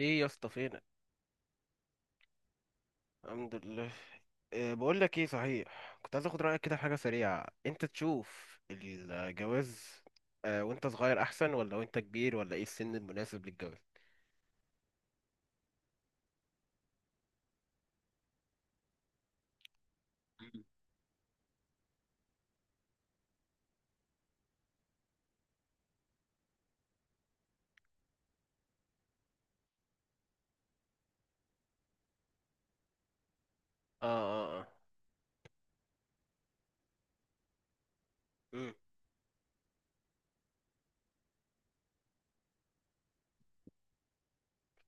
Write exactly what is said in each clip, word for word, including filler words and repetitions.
ايه يا اسطى فينك؟ الحمد لله. إيه، بقول لك ايه، صحيح كنت عايز اخد رايك كده في حاجه سريعه، انت تشوف الجواز آه وانت صغير احسن ولا وانت كبير، ولا ايه السن المناسب للجواز؟ مم. اه اه اه. امم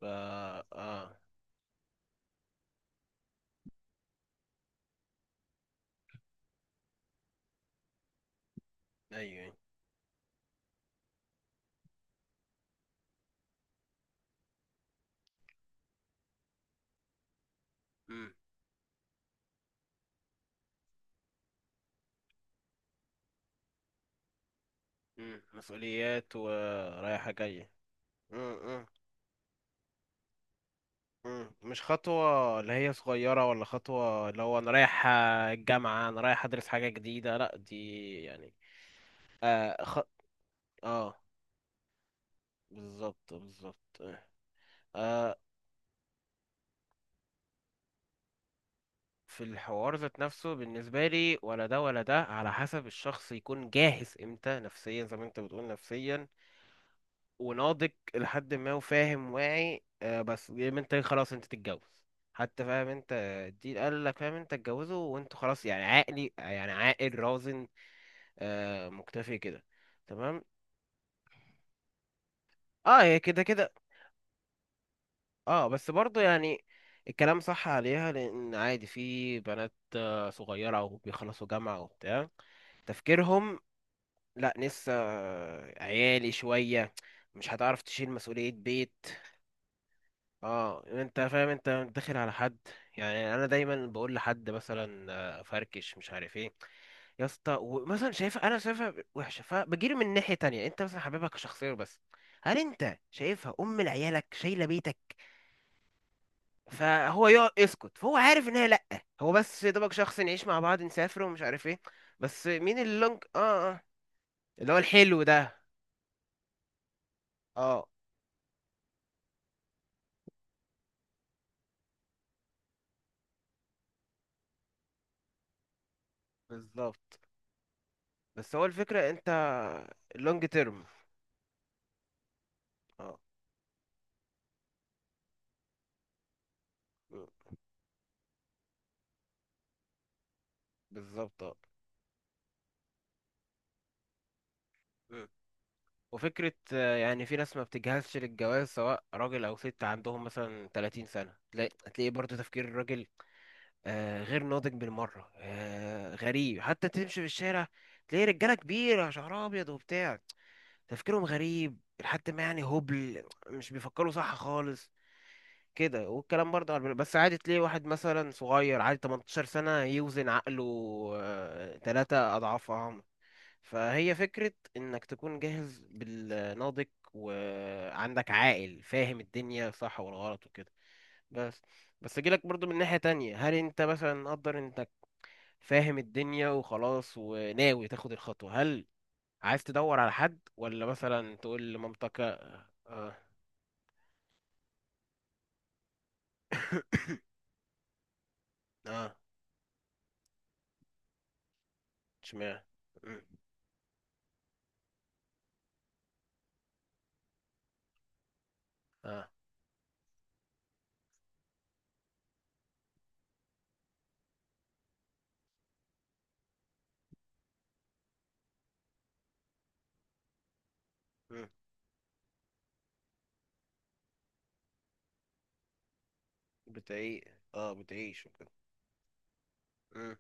فا، اه. ايوه. امم امم مسؤوليات ورايحه جايه. امم امم أمم. مش خطوه اللي هي صغيره، ولا خطوه اللي هو انا رايح الجامعه انا رايح ادرس حاجه جديده. لا، دي يعني اه خ... اه. بالظبط بالظبط. آه. في الحوار ذات نفسه بالنسبة لي، ولا ده ولا ده، على حسب الشخص يكون جاهز امتى نفسيا، زي ما انت بتقول نفسيا وناضج لحد ما وفاهم واعي. آه، بس يا اما انت خلاص انت تتجوز، حتى فاهم انت الدين قال لك، فاهم انت اتجوزه وانتوا خلاص، يعني عاقلي، يعني عاقل رازن، آه مكتفي كده. تمام. اه، هي كده كده. اه بس برضه يعني الكلام صح عليها، لان عادي، في بنات صغيرة وبيخلصوا جامعة وبتاع، تفكيرهم لا لسه عيالي شوية، مش هتعرف تشيل مسؤولية بيت. اه، انت فاهم انت داخل على حد. يعني انا دايما بقول لحد مثلا آه، فركش مش عارف ايه، يا اسطى، ومثلا شايفها، انا شايفها وحشة، فبجيله من ناحية تانية، انت مثلا حبيبك شخصيا، بس هل انت شايفها ام لعيالك شايلة بيتك؟ فهو يقعد يسكت، فهو عارف ان هي لا، هو بس يا دوبك شخص نعيش مع بعض، نسافر ومش عارف ايه. بس مين اللونج؟ اه آه. اللي هو الحلو ده. اه بالظبط. بس هو الفكرة انت اللونج تيرم. اه م، بالظبط. اه م. وفكرة آه، يعني في ناس ما بتجهزش للجواز، سواء راجل أو ست، عندهم مثلا ثلاثين سنة، تلاقي هتلاقي برضه تفكير الراجل آه، غير ناضج بالمرة. آه، غريب، حتى تمشي في الشارع تلاقي رجالة كبيرة شعرها أبيض وبتاع، تفكيرهم غريب لحد ما يعني هبل، مش بيفكروا صح خالص كده. والكلام برضه على البنات، بس عادي تلاقي واحد مثلا صغير عادي تمنتاشر سنة يوزن عقله آه، تلاتة أضعاف عمر. فهي فكرة إنك تكون جاهز بالناضج، وعندك عاقل فاهم الدنيا صح والغلط وكده. بس بس أجيلك برضه من ناحية تانية، هل أنت مثلا مقدر إنك فاهم الدنيا وخلاص وناوي تاخد الخطوة؟ هل عايز تدور على حد، ولا مثلا تقول لمامتك؟ آه. آه. اشمعنى؟ مم، آه. بتعيش، اه بتعيش وكده. مم.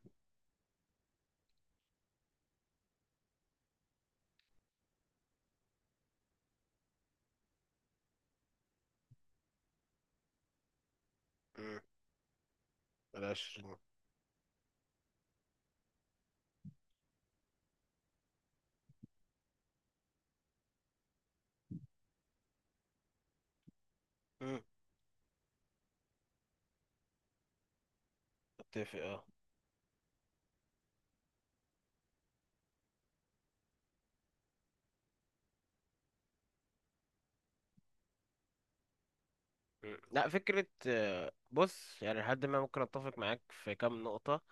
مم. بلاش. مم. اتفق اه. مم. لا فكرة، آه، بص يعني لحد ما ممكن اتفق معاك في كام نقطة،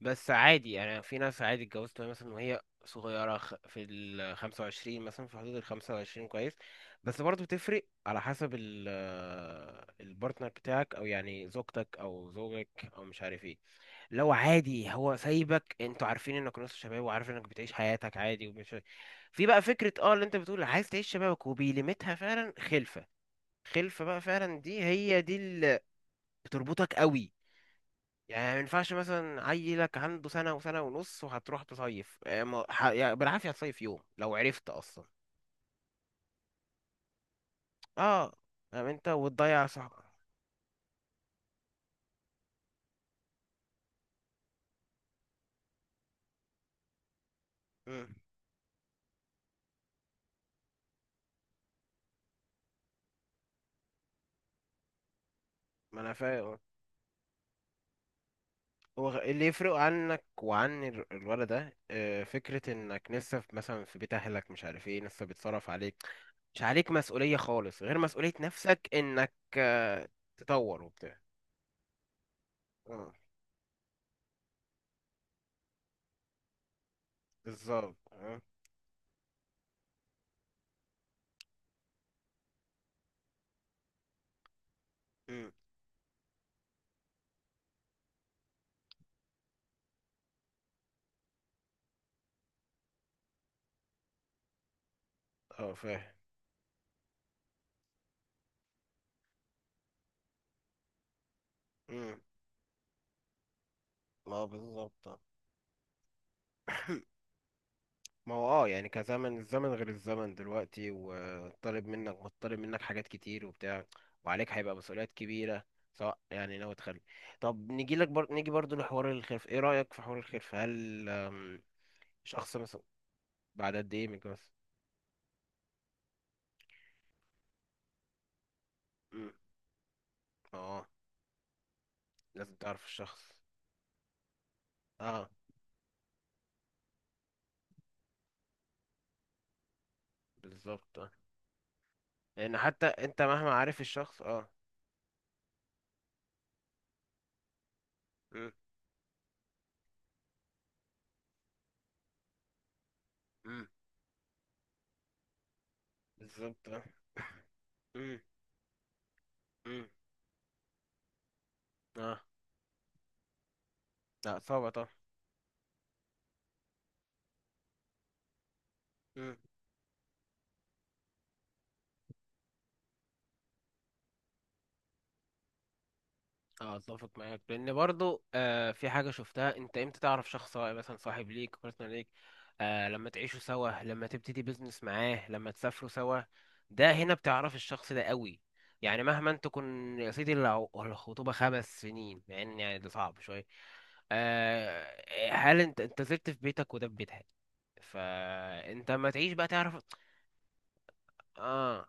بس عادي يعني في ناس عادي اتجوزت وهي مثلا وهي صغيرة خ- في ال خمسة وعشرين مثلا، في حدود ال خمسة وعشرين كويس. بس برضه بتفرق على حسب ال آه، البارتنر بتاعك، او يعني زوجتك او زوجك او مش عارف ايه. لو عادي هو سايبك، انتوا عارفين انك نص شباب وعارف انك بتعيش حياتك عادي ومش في بقى فكرة اه اللي انت بتقول عايز تعيش شبابك وبيلمتها فعلا خلفة. خلفة بقى فعلا، دي هي دي اللي بتربطك قوي. يعني ما ينفعش مثلا عيلك عنده سنة وسنة ونص وهتروح تصيف، اه، ما- ح- يعني بالعافية هتصيف يوم لو عرفت اصلا. اه، فاهم انت وتضيع صح. مم، ما انا فاهم. هو اللي يفرق عنك وعن ال- الولد ده آه، فكرة انك لسه في مثلا في بيت اهلك، مش عارف ايه، لسه بيتصرف عليك، مش عليك مسؤولية خالص غير مسؤولية نفسك، انك آه، تطور وبتاع. اه بالظبط. اه أمم، آه، فاهم. أمم، ما بالظبط. ما هو اه يعني كزمن، الزمن غير، الزمن دلوقتي وطالب منك، مطالب منك حاجات كتير وبتاع، وعليك هيبقى مسؤوليات كبيرة، سواء يعني ناوي تخلي. طب نيجي لك بر... نيجي برضو لحوار الخلف. ايه رأيك في حوار الخلف؟ هل آم، شخص مثلا بعد قد ايه من الجواز؟ مم. اه. لازم تعرف الشخص. اه بالظبط اه. لان حتى انت مهما عارف الشخص اه. مم. مم. بالظبط اه. مم. مم. اه. لا صعبة طبعا. اه اتفق معاك، لان برضو آه في حاجه شفتها انت، امتى تعرف شخص، سواء مثلا صاحب ليك، بارتنر ليك؟ آه، لما تعيشوا سوا، لما تبتدي بيزنس معاه، لما تسافروا سوا، ده هنا بتعرف الشخص ده قوي. يعني مهما انت تكون يا سيدي الع- الخطوبه خمس سنين، مع ان يعني ده صعب شويه، آه، هل انت انت زرت في بيتك وده في بيتها؟ فانت ما تعيش بقى تعرف. اه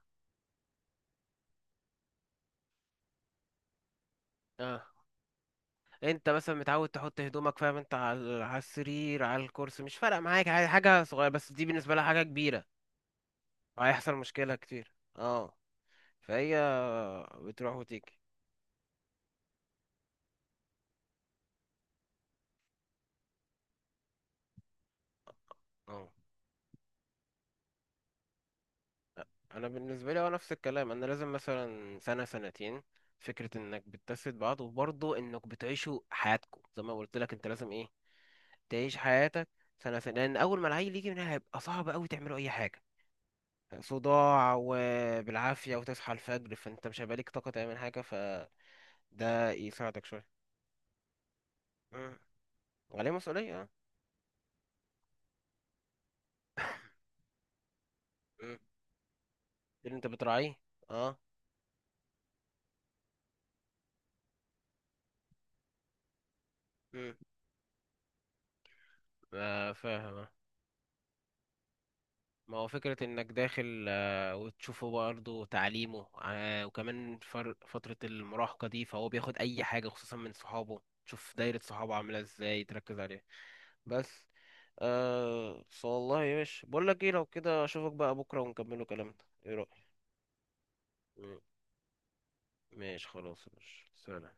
اه انت مثلا متعود تحط هدومك، فاهم انت، على على السرير، على الكرسي، مش فارقه معاك، عادي، حاجه صغيره، بس دي بالنسبه لها حاجه كبيره، وهيحصل مشكله كتير. اه، فهي بتروح وتيجي. اه. انا بالنسبه لي هو نفس الكلام، انا لازم مثلا سنه سنتين، فكره انك بتجسد بعض، وبرضه انك بتعيشوا حياتكم. زي ما قلت لك انت لازم ايه تعيش حياتك. سنه سنه لان اول ما العيل يجي منها هيبقى صعب قوي تعملوا اي حاجه، صداع وبالعافيه وتصحى الفجر، فانت مش هيبقى ليك طاقه تعمل حاجه. ف ده يساعدك شوية. مم. وعليه مسؤولية اه. مم. اللي انت بتراعيه. اه. مم. آه، فاهم آه. ما هو فكرة انك داخل آه، وتشوفه برضه تعليمه، آه، وكمان فر- فترة المراهقة دي فهو بياخد اي حاجة خصوصا من صحابه، تشوف دايرة صحابه عاملة ازاي، تركز عليها. بس آه. بس والله يا باشا بقول لك ايه، لو كده اشوفك بقى بكرة ونكملوا كلامنا. ايه رأيك؟ مم. ماشي خلاص يا باشا، سلام.